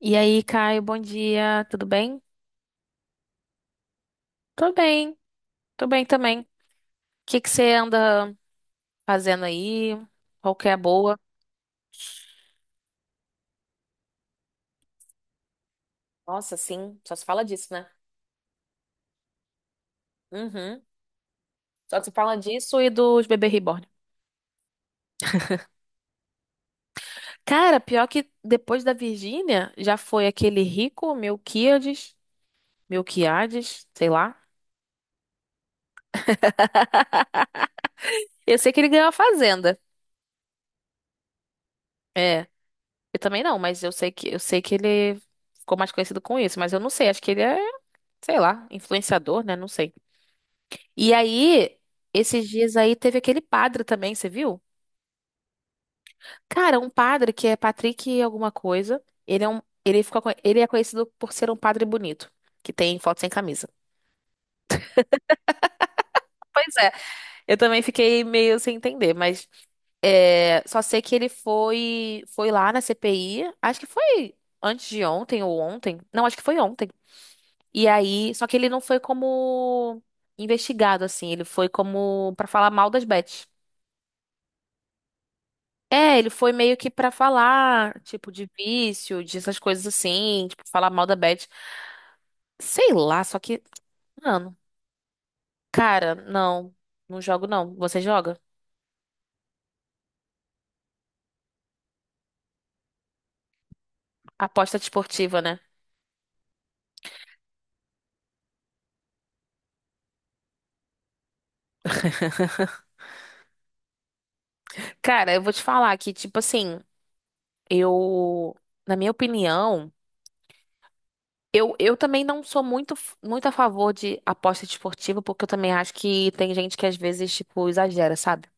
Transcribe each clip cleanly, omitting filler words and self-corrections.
E aí, Caio, bom dia, tudo bem? Tô bem, tô bem também. O que que você anda fazendo aí? Qual que é a boa? Nossa, sim, só se fala disso, né? Uhum. Só se fala disso e dos bebê reborn. Cara, pior que depois da Virgínia, já foi aquele rico Melquiades, Melquiades, sei lá. Eu sei que ele ganhou a fazenda. É, eu também não, mas eu sei que ele ficou mais conhecido com isso, mas eu não sei, acho que ele é, sei lá, influenciador, né? Não sei. E aí, esses dias aí teve aquele padre também, você viu? Cara, um padre que é Patrick alguma coisa. Ele é conhecido por ser um padre bonito, que tem foto sem camisa. Pois é, eu também fiquei meio sem entender, mas é, só sei que ele foi lá na CPI, acho que foi antes de ontem ou ontem. Não, acho que foi ontem. E aí, só que ele não foi como investigado assim, ele foi como pra falar mal das Bets. É, ele foi meio que pra falar, tipo, de vício, de essas coisas assim, tipo, falar mal da Beth. Sei lá, só que, mano, cara, não, não jogo não. Você joga? Aposta desportiva, né? Cara, eu vou te falar que, tipo assim, eu, na minha opinião, eu também não sou muito a favor de aposta desportiva, porque eu também acho que tem gente que às vezes, tipo, exagera, sabe?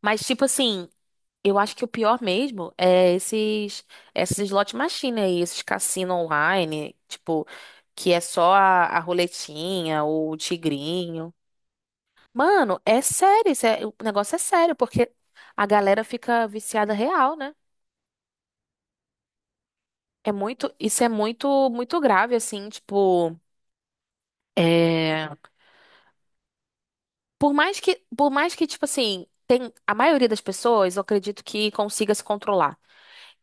Mas, tipo assim, eu acho que o pior mesmo é esses slot machine aí, esses cassino online, tipo, que é só a roletinha ou o tigrinho. Mano, é sério, o negócio é sério, porque a galera fica viciada real, né? Isso é muito, muito grave, assim, tipo, é, por mais que, tipo assim, tem, a maioria das pessoas, eu acredito que consiga se controlar.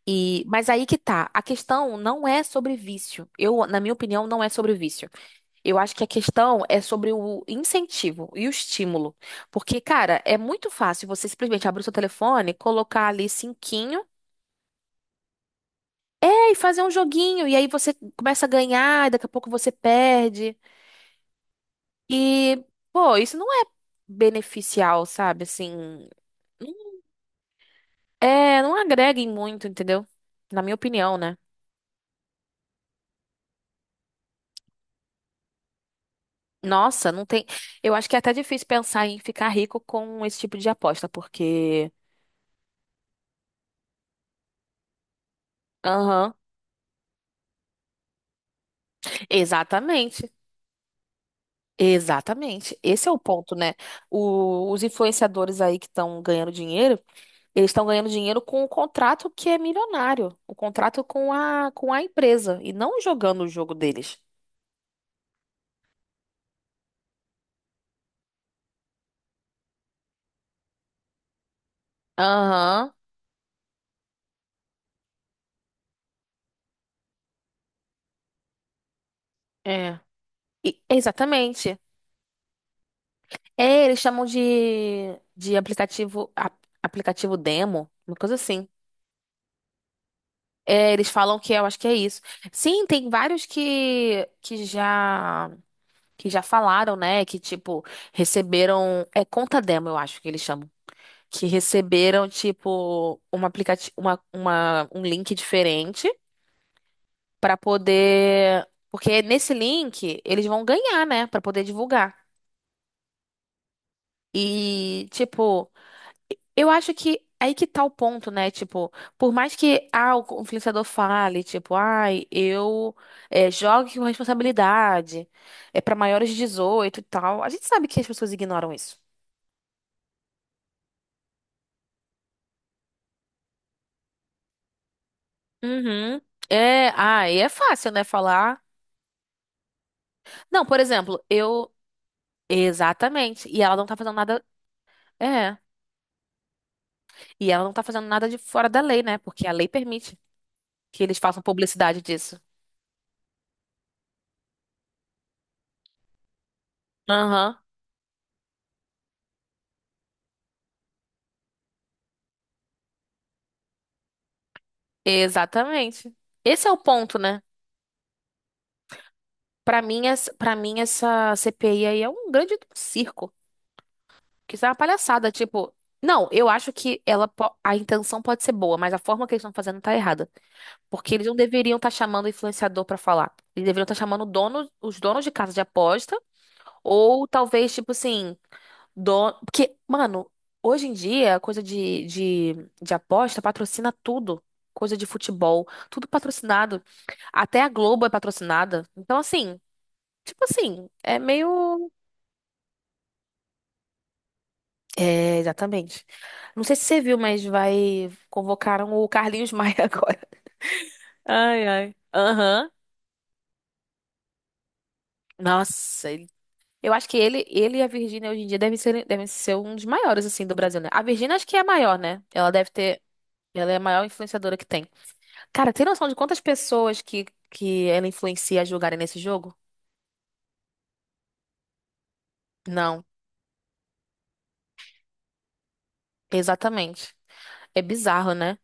Mas aí que tá. A questão não é sobre vício. Eu, na minha opinião, não é sobre vício. Eu acho que a questão é sobre o incentivo e o estímulo. Porque, cara, é muito fácil você simplesmente abrir o seu telefone, colocar ali cinquinho, e fazer um joguinho. E aí você começa a ganhar, e daqui a pouco você perde. E, pô, isso não é beneficial, sabe? Assim, não- não agrega em muito, entendeu? Na minha opinião, né? Nossa, não tem. Eu acho que é até difícil pensar em ficar rico com esse tipo de aposta, porque. Aham, exatamente. Exatamente. Esse é o ponto, né? Os influenciadores aí que estão ganhando dinheiro, eles estão ganhando dinheiro com o contrato que é milionário, o contrato com a empresa, e não jogando o jogo deles. Aham, é. Exatamente. É, eles chamam de aplicativo, aplicativo demo, uma coisa assim. É, eles falam que é, eu acho que é isso. Sim, tem vários que já falaram, né? Que tipo receberam conta demo, eu acho que eles chamam, que receberam tipo um aplicativo, uma, um link diferente pra poder, porque nesse link eles vão ganhar, né? Pra poder divulgar. E tipo, eu acho que é aí que tá o ponto, né? Tipo, por mais que o influenciador fale, tipo, ai, jogue com responsabilidade, é pra maiores de 18 e tal, a gente sabe que as pessoas ignoram isso. Uhum. É, ah, e é fácil, né, falar. Não, por exemplo, eu. Exatamente. E ela não tá fazendo nada. É. E ela não tá fazendo nada de fora da lei, né? Porque a lei permite que eles façam publicidade disso. Aham. Exatamente. Esse é o ponto, né? Pra mim, essa CPI aí é um grande circo. Que isso é uma palhaçada. Tipo, não, eu acho que a intenção pode ser boa, mas a forma que eles estão fazendo tá errada. Porque eles não deveriam estar chamando o influenciador pra falar. Eles deveriam estar chamando o dono, os donos de casa de aposta. Ou talvez, tipo assim, dono. Porque, mano, hoje em dia, a coisa de aposta patrocina tudo. Coisa de futebol, tudo patrocinado. Até a Globo é patrocinada. Então, assim, tipo assim, é meio. É, exatamente. Não sei se você viu, mas vai convocaram o Carlinhos Maia agora. Ai, ai. Aham. Nossa, eu acho que ele e a Virgínia hoje em dia devem ser um dos maiores, assim, do Brasil, né? A Virgínia acho que é a maior, né? Ela deve ter. Ela é a maior influenciadora que tem. Cara, tem noção de quantas pessoas que ela influencia a jogarem nesse jogo? Não, exatamente. É bizarro, né?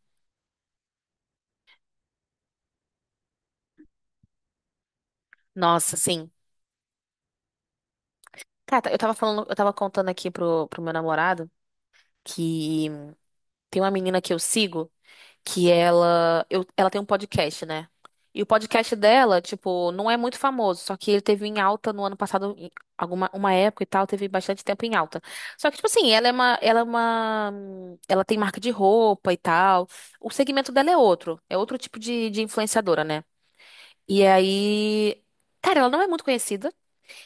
Nossa, sim. Cara, eu tava falando, eu tava contando aqui pro meu namorado que tem uma menina que eu sigo. Ela tem um podcast, né? E o podcast dela, tipo, não é muito famoso, só que ele teve em alta no ano passado, em alguma uma época e tal, teve bastante tempo em alta. Só que, tipo assim, ela tem marca de roupa e tal. O segmento dela é outro tipo de influenciadora, né? E aí, cara, ela não é muito conhecida.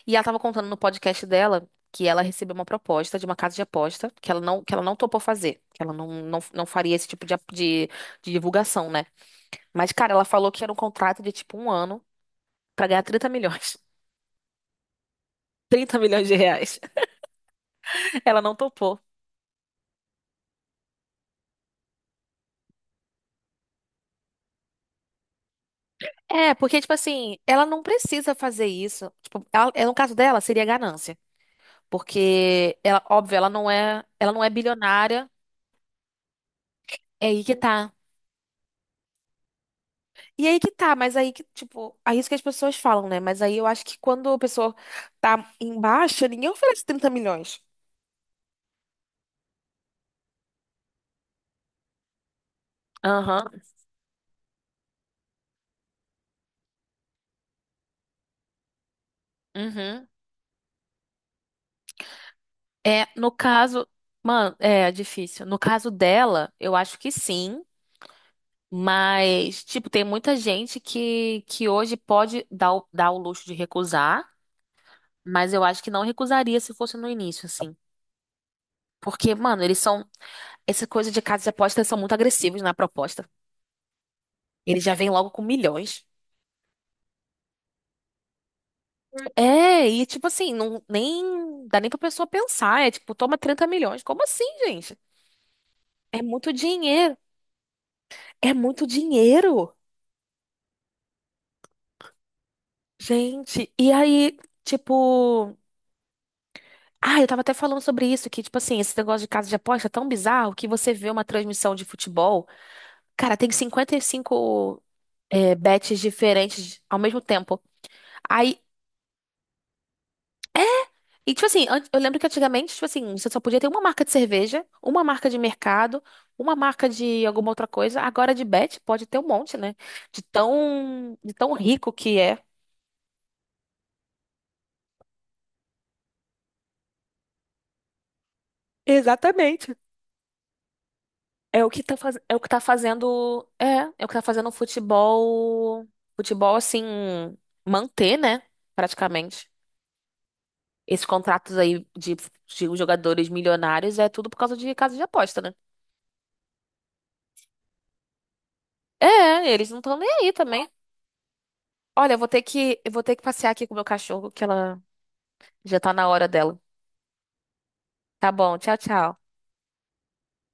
E ela tava contando no podcast dela que ela recebeu uma proposta de uma casa de aposta que ela não topou fazer, que ela não, não, não faria esse tipo de divulgação, né? Mas, cara, ela falou que era um contrato de tipo um ano pra ganhar 30 milhões. 30 milhões de reais. Ela não topou. É, porque, tipo assim, ela não precisa fazer isso. Tipo, no caso dela, seria ganância. Porque, ela, óbvio, ela não é bilionária. É aí que tá. E aí que tá, mas aí que, tipo, aí isso que as pessoas falam, né? Mas aí eu acho que quando a pessoa tá embaixo, ninguém oferece 30 milhões. Aham. Uhum. É, no caso, mano, é difícil. No caso dela, eu acho que sim, mas tipo, tem muita gente que hoje pode dar o luxo de recusar, mas eu acho que não recusaria se fosse no início, assim. Porque, mano, eles são essa coisa de casas de apostas são muito agressivos na proposta. Eles já vêm logo com milhões. É, e tipo assim, não nem dá nem pra pessoa pensar. É tipo, toma 30 milhões. Como assim, gente? É muito dinheiro. É muito dinheiro. Gente, e aí, tipo. Ah, eu tava até falando sobre isso, que, tipo assim, esse negócio de casa de aposta é tão bizarro que você vê uma transmissão de futebol. Cara, tem 55 bets diferentes ao mesmo tempo. Aí. E, tipo assim, eu lembro que antigamente, tipo assim, você só podia ter uma marca de cerveja, uma marca de mercado, uma marca de alguma outra coisa. Agora de bet pode ter um monte, né? De tão rico que é. Exatamente. É o que tá, faz... é o que tá fazendo. É, é o que tá fazendo o futebol. Futebol, assim, manter, né? Praticamente. Esses contratos aí de jogadores milionários é tudo por causa de casa de aposta, né? É, eles não estão nem aí também. Olha, eu vou ter que passear aqui com o meu cachorro, que ela já tá na hora dela. Tá bom, tchau, tchau.